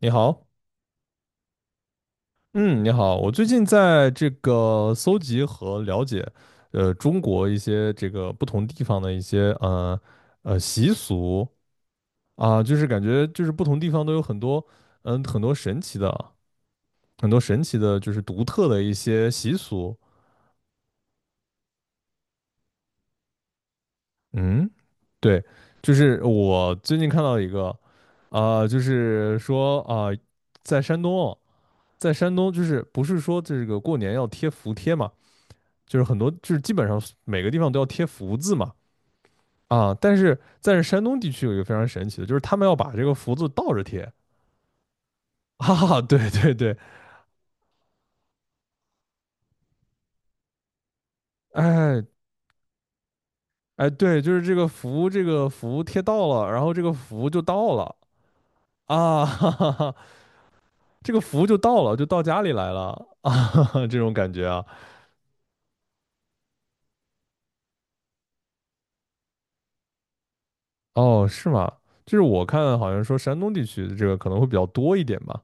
你好。嗯，你好，我最近在这个搜集和了解，中国一些这个不同地方的一些习俗啊，就是感觉就是不同地方都有很多很多神奇的就是独特的一些习俗。嗯，对，就是我最近看到一个，啊，就是说啊，在山东哦，在山东就是不是说这个过年要贴福贴嘛？就是很多就是基本上每个地方都要贴福字嘛。啊，但是山东地区有一个非常神奇的，就是他们要把这个福字倒着贴啊 对对对。哎哎对，就是这个福贴到了，然后这个福就到了。啊，哈哈哈，这个福就到了，就到家里来了 这种感觉啊。哦是吗？就是我看好像说山东地区的这个可能会比较多一点吧。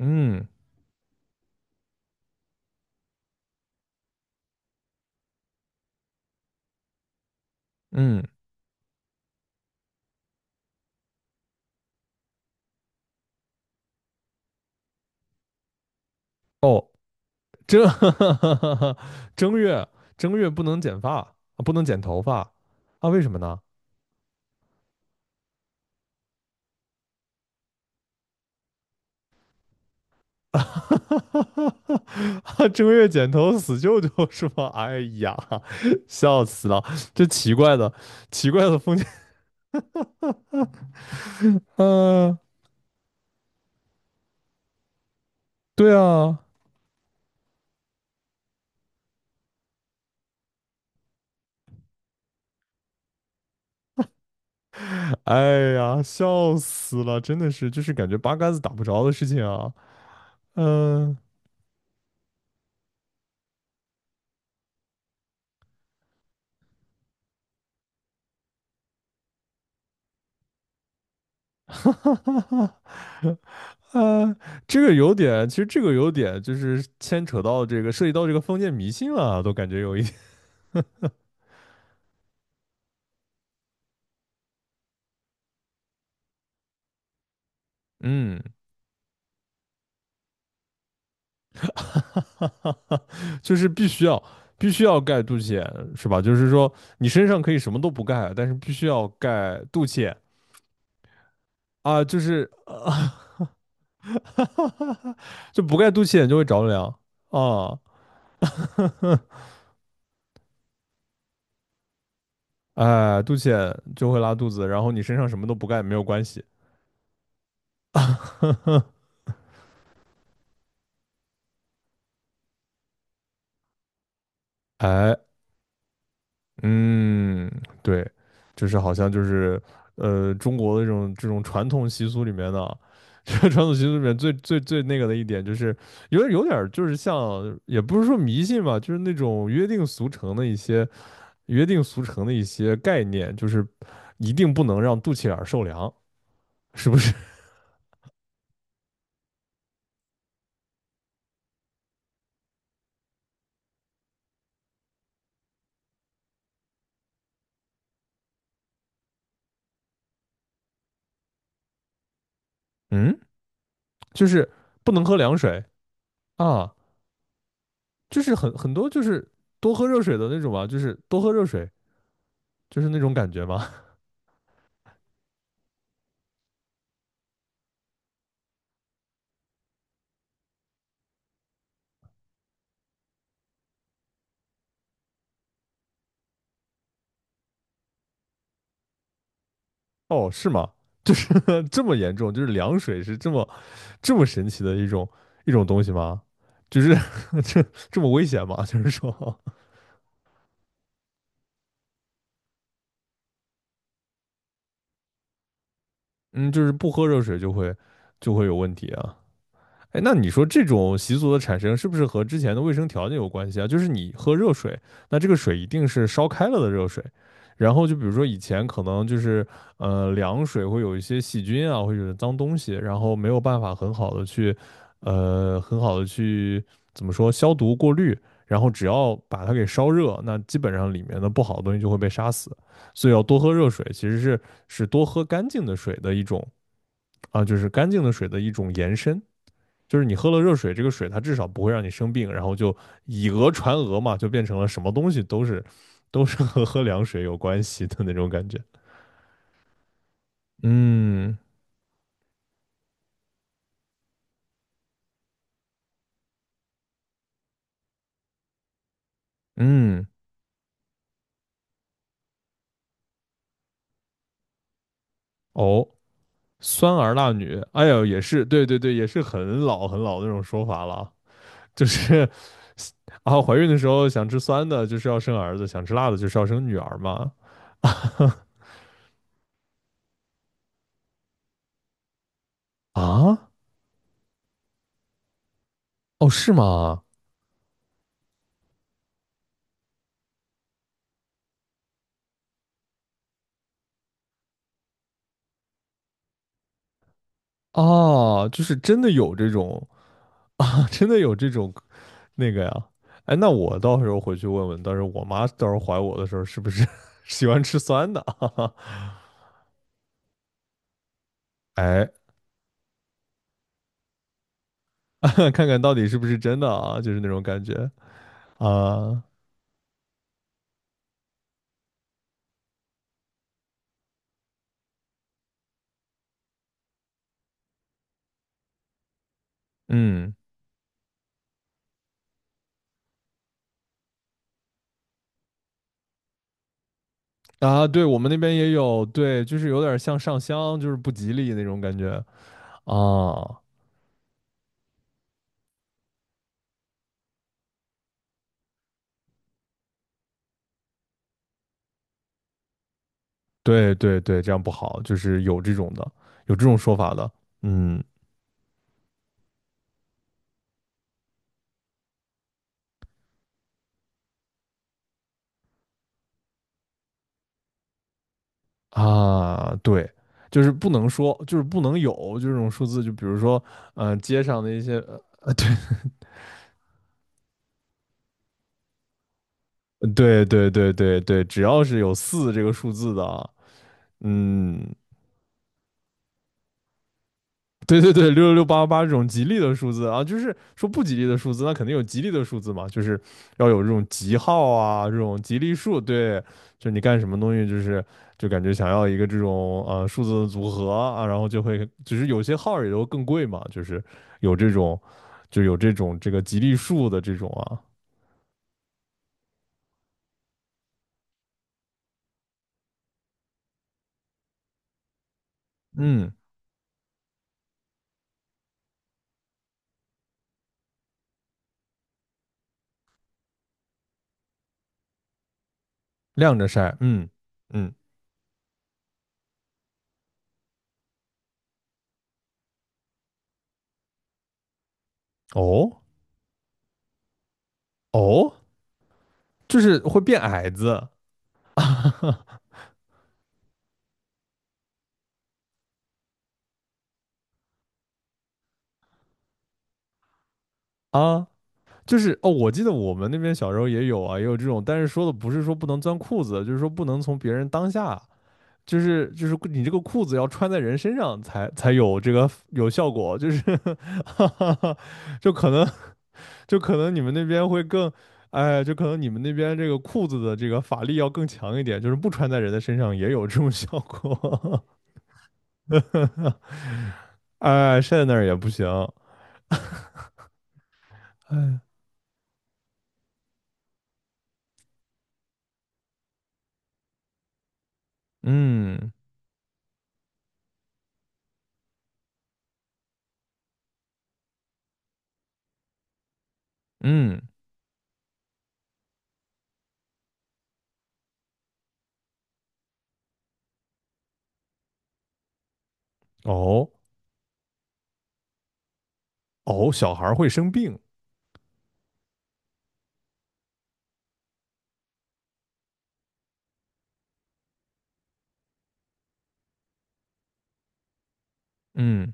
嗯嗯，哦。正 正月正月不能剪发，不能剪头发。啊？为什么呢？啊，正月剪头死舅舅是吗？哎呀，笑死了！这奇怪的封建。嗯、呃对啊。哎呀，笑死了！真的是，就是感觉八竿子打不着的事情啊。嗯、哈哈哈哈。呃，这个有点，其实这个有点就是牵扯到这个，涉及到这个封建迷信了啊，都感觉有一点。嗯，就是必须要盖肚脐眼，是吧？就是说你身上可以什么都不盖，但是必须要盖肚脐眼啊。就是就不盖肚脐眼就会着凉啊。哼，哎，肚脐眼就会拉肚子，然后你身上什么都不盖没有关系。哎，嗯，对，就是好像就是中国的这种传统习俗里面的，这个传统习俗里面最最最那个的一点，就是有点有点儿就是像，也不是说迷信吧，就是那种约定俗成的一些概念，就是一定不能让肚脐眼儿受凉，是不是？嗯，就是不能喝凉水啊，就是很多就是多喝热水的那种嘛，就是多喝热水，就是那种感觉嘛。哦，是吗？就是 这么严重，就是凉水是这么神奇的一种东西吗？就是 这这么危险吗？就是说，嗯，就是不喝热水就会有问题啊。哎，那你说这种习俗的产生是不是和之前的卫生条件有关系啊？就是你喝热水，那这个水一定是烧开了的热水，然后就比如说以前可能就是凉水会有一些细菌啊，或者脏东西，然后没有办法很好的去很好的去怎么说消毒过滤，然后只要把它给烧热，那基本上里面的不好的东西就会被杀死，所以要多喝热水，其实是多喝干净的水的一种啊，就是干净的水的一种延伸。就是你喝了热水，这个水它至少不会让你生病，然后就以讹传讹嘛，就变成了什么东西都是和喝凉水有关系的那种感觉。嗯嗯。哦，酸儿辣女，哎呦，也是，对对对，也是很老很老的那种说法了。就是啊，怀孕的时候想吃酸的，就是要生儿子；想吃辣的，就是要生女儿嘛。啊，哦，是吗？哦，就是真的有这种 啊，真的有这种那个呀？哎，那我到时候回去问问，到时候我妈到时候怀我的时候是不是 喜欢吃酸的啊？哎，看看到底是不是真的啊？就是那种感觉啊。嗯，啊，对我们那边也有。对，就是有点像上香，就是不吉利那种感觉啊。对对对，这样不好，就是有这种的，有这种说法的。嗯。啊，对，就是不能说，就是不能有这种数字，就比如说，街上的一些，对对对对对，只要是有四这个数字的啊。嗯，对对对，六六六八八八这种吉利的数字啊，就是说不吉利的数字，那肯定有吉利的数字嘛，就是要有这种吉号啊，这种吉利数。对，就是你干什么东西，就是就感觉想要一个这种数字的组合啊，然后就会，就是有些号也都更贵嘛，就是有这种，这个吉利数的这种啊。嗯，晾着晒。嗯嗯，哦哦，就是会变矮子 啊，就是哦，我记得我们那边小时候也有啊，也有这种，但是说的不是说不能钻裤子，就是说不能从别人当下，就是你这个裤子要穿在人身上才有这个有效果，就是 就可能你们那边会更，哎，就可能你们那边这个裤子的这个法力要更强一点，就是不穿在人的身上也有这种效果。哎，晒在那儿也不行。哎，嗯嗯。哦。哦，小孩会生病。嗯，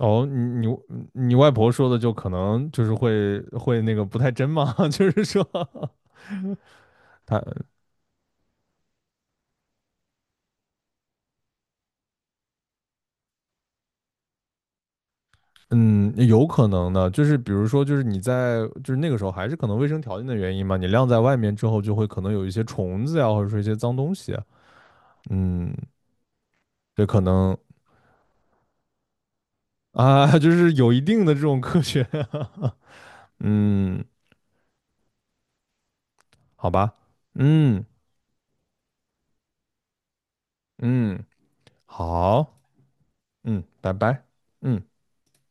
哦，你你外婆说的就可能就是会那个不太真嘛，就是说 他，嗯有可能的，就是比如说就是你在就是那个时候还是可能卫生条件的原因嘛，你晾在外面之后就会可能有一些虫子呀，或者说一些脏东西。嗯，这可能 啊，就是有一定的这种科学。嗯，好吧，嗯嗯，好，嗯，拜拜，嗯。